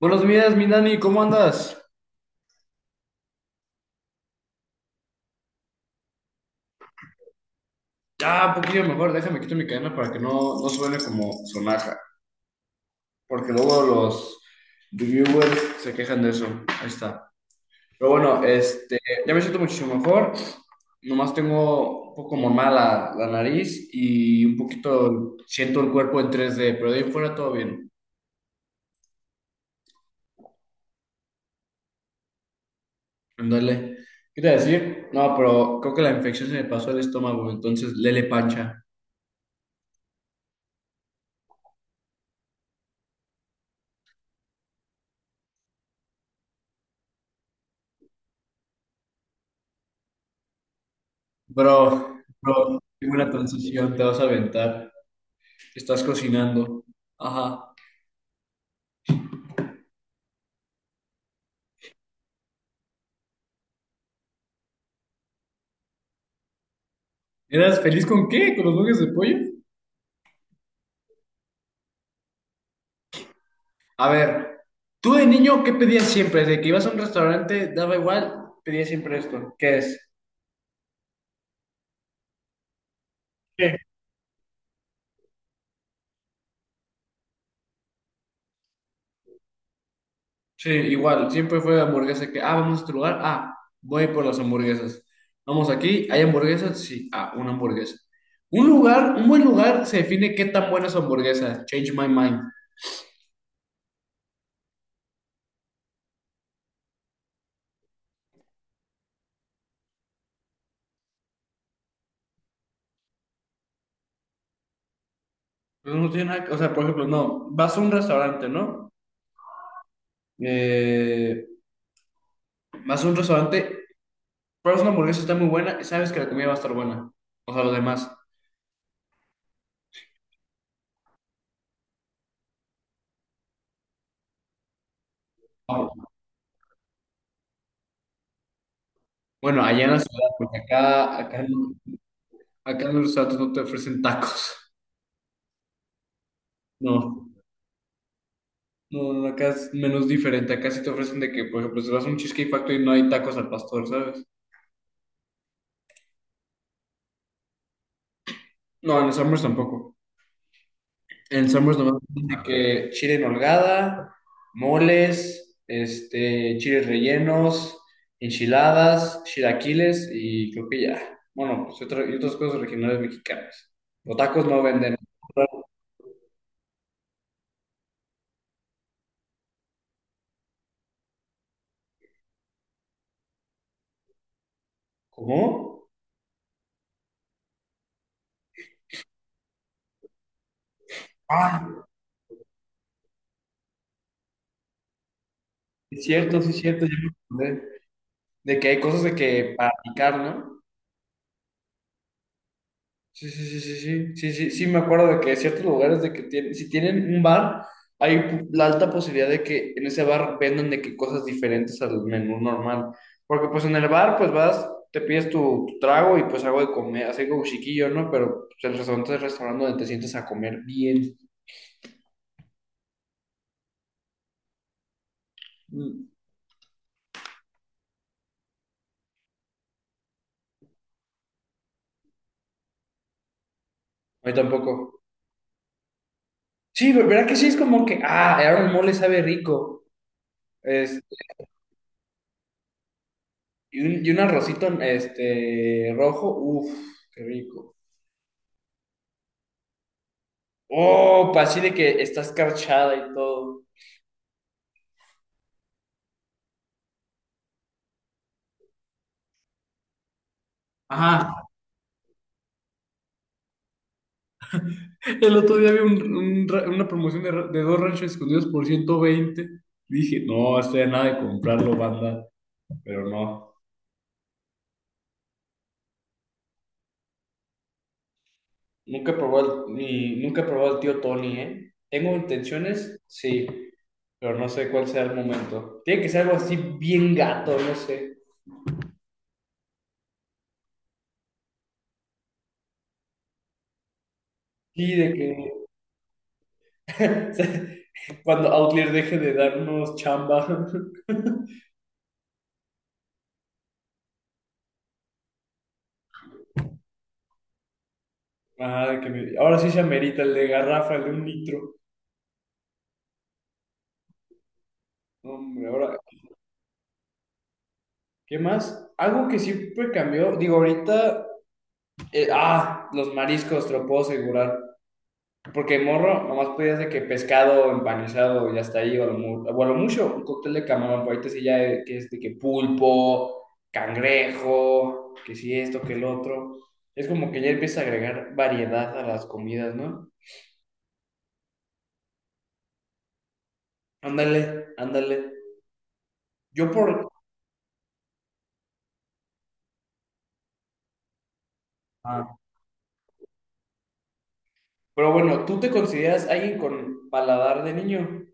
Buenos días, mi Dani, ¿cómo andas? Ah, un poquillo mejor, déjame quito mi cadena para que no suene como sonaja, porque luego los reviewers se quejan de eso. Ahí está. Pero bueno, este, ya me siento muchísimo mejor. Nomás tengo un poco como mala la nariz y un poquito siento el cuerpo en 3D pero de ahí fuera todo bien. Ándale. ¿Qué te iba a decir? No, pero creo que la infección se me pasó al estómago, entonces lele pancha. Bro, tengo una transición, te vas a aventar. Estás cocinando. Ajá. ¿Eras feliz con qué? ¿Con los nuggets de pollo? A ver, tú de niño, ¿qué pedías siempre? Desde que ibas a un restaurante, daba igual, pedías siempre esto. ¿Qué es? ¿Qué? Sí, igual, siempre fue hamburguesa que, ah, vamos a este lugar, ah, voy por las hamburguesas. Vamos aquí, ¿hay hamburguesas? Sí, ah, una hamburguesa. Un lugar, un buen lugar se define qué tan buena es su hamburguesa. Change my mind. Pues no tiene nada que- o sea, por ejemplo, no, vas a un restaurante, ¿no? Eh, vas a un restaurante. Pero es una hamburguesa está muy buena, sabes que la comida va a estar buena. O sea, lo demás. Bueno, allá en la ciudad, porque Acá en los restaurantes no te ofrecen tacos. No, no, no, acá es menos diferente. Acá sí te ofrecen de que, por ejemplo, si vas a un Cheesecake Factory no hay tacos al pastor, ¿sabes? No, en los Summers tampoco. El Summers nomás dice que chile en holgada, moles, este, chiles rellenos, enchiladas, chilaquiles y creo que ya. Bueno, pues y otras cosas regionales mexicanas. Los tacos no venden. ¿Cómo? Ah, es cierto, sí es cierto. Ya me acordé. De que hay cosas de que para picar, ¿no? Sí, sí, sí, sí, sí, sí, sí, sí, me acuerdo de que ciertos lugares de que tienen, si tienen un bar, hay la alta posibilidad de que en ese bar vendan de que cosas diferentes al menú normal. Porque pues en el bar, pues vas, te pides tu trago y pues algo de comer, así como chiquillo, ¿no? Pero pues, el restaurante es el restaurante donde te sientes a comer bien. Mm. A mí tampoco. Sí, ¿verdad que sí? Es como que, ah, ahora el mole sabe rico. Este, y un arrocito, este, rojo, uff, qué rico. Oh, pues así de que está escarchada y todo. Ajá, el otro día vi una promoción de dos ranchos escondidos por 120. Dije, no, hasta de nada de comprarlo, banda, pero no. Nunca he probado el tío Tony, ¿eh? ¿Tengo intenciones? Sí, pero no sé cuál sea el momento. Tiene que ser algo así bien gato, no sé. Y de que cuando Outlier deje de darnos chamba. Ajá, ahora sí se amerita el de garrafa, el de un litro. No, hombre, ahora, ¿qué más? Algo que siempre cambió, digo, ahorita, ah, los mariscos, te lo puedo asegurar. Porque morro, nomás podías de que pescado empanizado y hasta ahí, o o a lo mucho, un cóctel de camarón, pero ahorita sí ya que es de que pulpo, cangrejo, que sí esto, que el otro. Es como que ya empieza a agregar variedad a las comidas, ¿no? Ándale, ándale. Yo por... Pero bueno, ¿tú te consideras alguien con paladar de niño?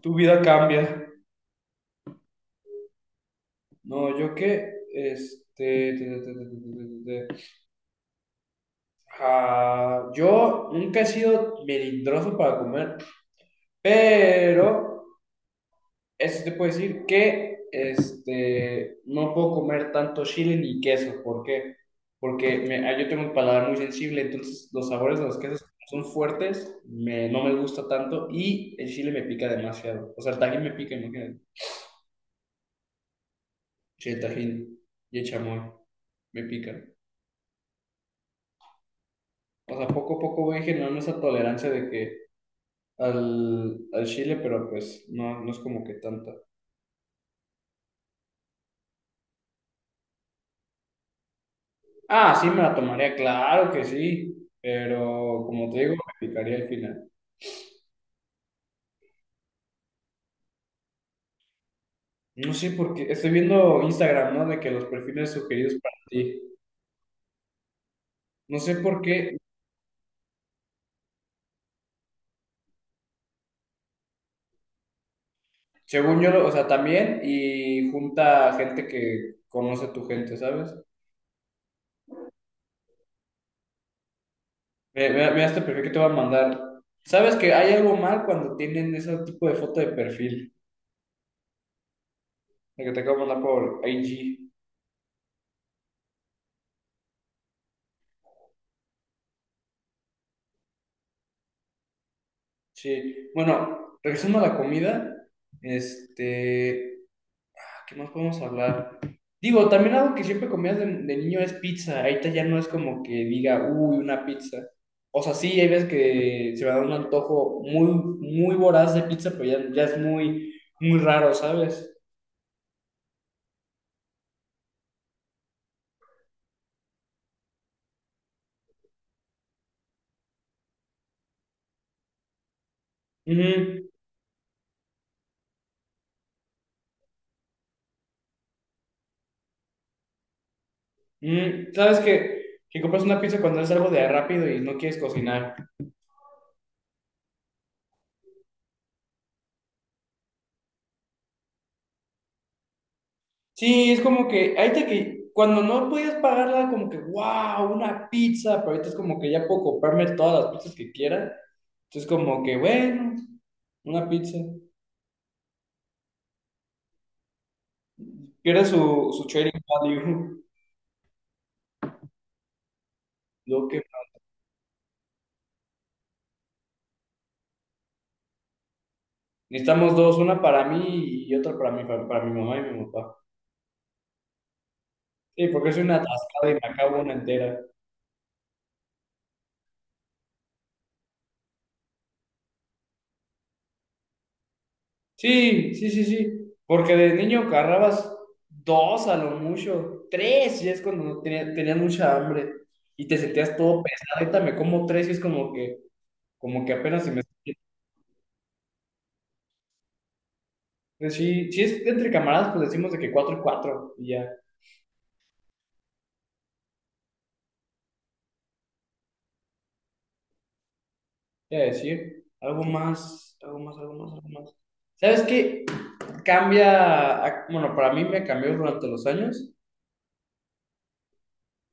Tu vida cambia. No, yo qué, este, te- te- te- te- te- te- te- ah, yo nunca he sido melindroso para comer, pero eso te puedo decir que, este, no puedo comer tanto chile ni queso. ¿Por qué? Porque ah, yo tengo un paladar muy sensible, entonces los sabores de los quesos son fuertes, no me gusta tanto y el chile me pica demasiado. O sea, el tajín me pica, imagínate. Sí, el Tajín y el chamoy me pican. O sea, poco a poco voy generando esa tolerancia de que al chile, pero pues no, no es como que tanta. Ah, sí, me la tomaría, claro que sí, pero como te digo, me picaría al final. No sé por qué, estoy viendo Instagram, ¿no? De que los perfiles sugeridos para ti. No sé por qué, según yo, o sea, también y junta gente que conoce tu gente, ¿sabes? Mira, mira este perfil que te voy a mandar. ¿Sabes que hay algo mal cuando tienen ese tipo de foto de perfil? La que te acabo de mandar por IG. Sí. Bueno, regresando a la comida, este, ah, ¿qué más podemos hablar? Digo, también algo que siempre comías de niño es pizza. Ahorita ya no es como que diga, uy, una pizza. O sea, sí, hay veces que se me da un antojo muy, muy voraz de pizza, pero ya, ya es muy, muy raro, ¿sabes? Ujú. ¿Sabes qué? Que compras una pizza cuando es algo de rápido y no quieres cocinar. Sí, es como que ahorita que cuando no podías pagarla, como que, wow, una pizza, pero ahorita es como que ya puedo comprarme todas las pizzas que quiera. Entonces, como que, bueno, una pizza. Pierde su trading value. Lo que necesitamos dos, una para mí y otra para para mi mamá y mi papá. Sí, porque soy una atascada y me acabo una entera. Sí, sí, sí, sí. Porque de niño agarrabas dos a lo mucho, tres, y es cuando no tenía- tenías mucha hambre y te sentías todo pesado. Ahorita me como tres y es como que apenas se me. Pues sí, si es entre camaradas, pues decimos de que cuatro y cuatro, y ya. Te voy a decir, algo más, algo más, algo más, algo más. ¿Sabes qué? Cambia, bueno, para mí me cambió durante los años.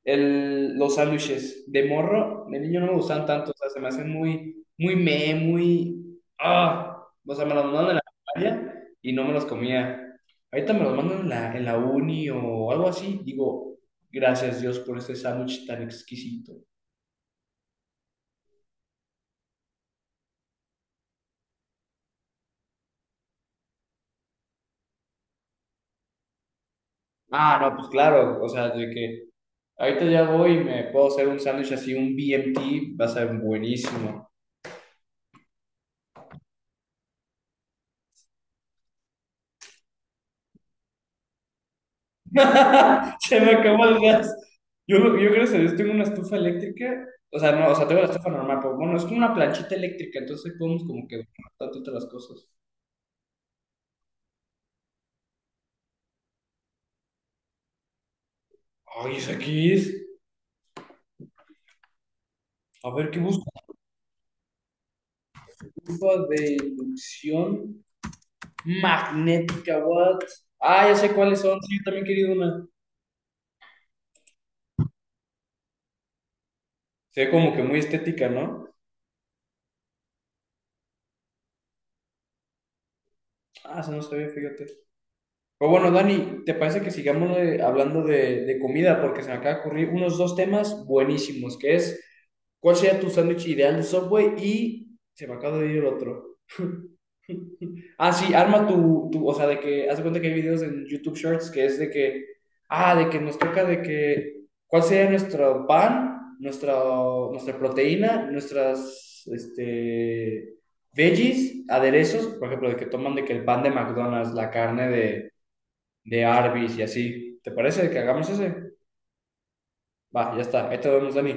Los sándwiches de morro, de niño no me gustan tanto, o sea, se me hacen muy, ah, o sea, me los mandaban en la primaria y no me los comía. Ahorita me los mandan en la uni o algo así, digo, gracias Dios por este sándwich tan exquisito. Ah, no, pues claro, o sea, de que ahorita ya voy y me puedo hacer un sándwich así, un BMT, va a ser buenísimo. Se me acabó el gas. Yo gracias a Dios tengo una estufa eléctrica. O sea, no, o sea, tengo la estufa normal, pero bueno, es como una planchita eléctrica, entonces podemos como que bastante otras cosas. Ay, es aquí es. A ver, ¿qué busco? Estufa de inducción magnética, what? Ah, ya sé cuáles son. Sí, yo también he querido una. Se ve como que muy estética, ¿no? Ah, se no sabía, fíjate. Pero bueno, Dani, ¿te parece que sigamos hablando de comida? Porque se me acaba de ocurrir unos dos temas buenísimos, que es cuál sería tu sándwich ideal de Subway y se me acaba de ir el otro. Ah, sí, arma o sea, de que, haz de cuenta que hay videos en YouTube Shorts que es de que, ah, de que nos toca de que, ¿cuál sería nuestro pan, nuestra proteína, nuestras, este, veggies, aderezos, por ejemplo, de que toman de que el pan de McDonald's, la carne de Arby's y así. ¿Te parece que hagamos ese? Va, ya está. Ahí te vemos, Dani.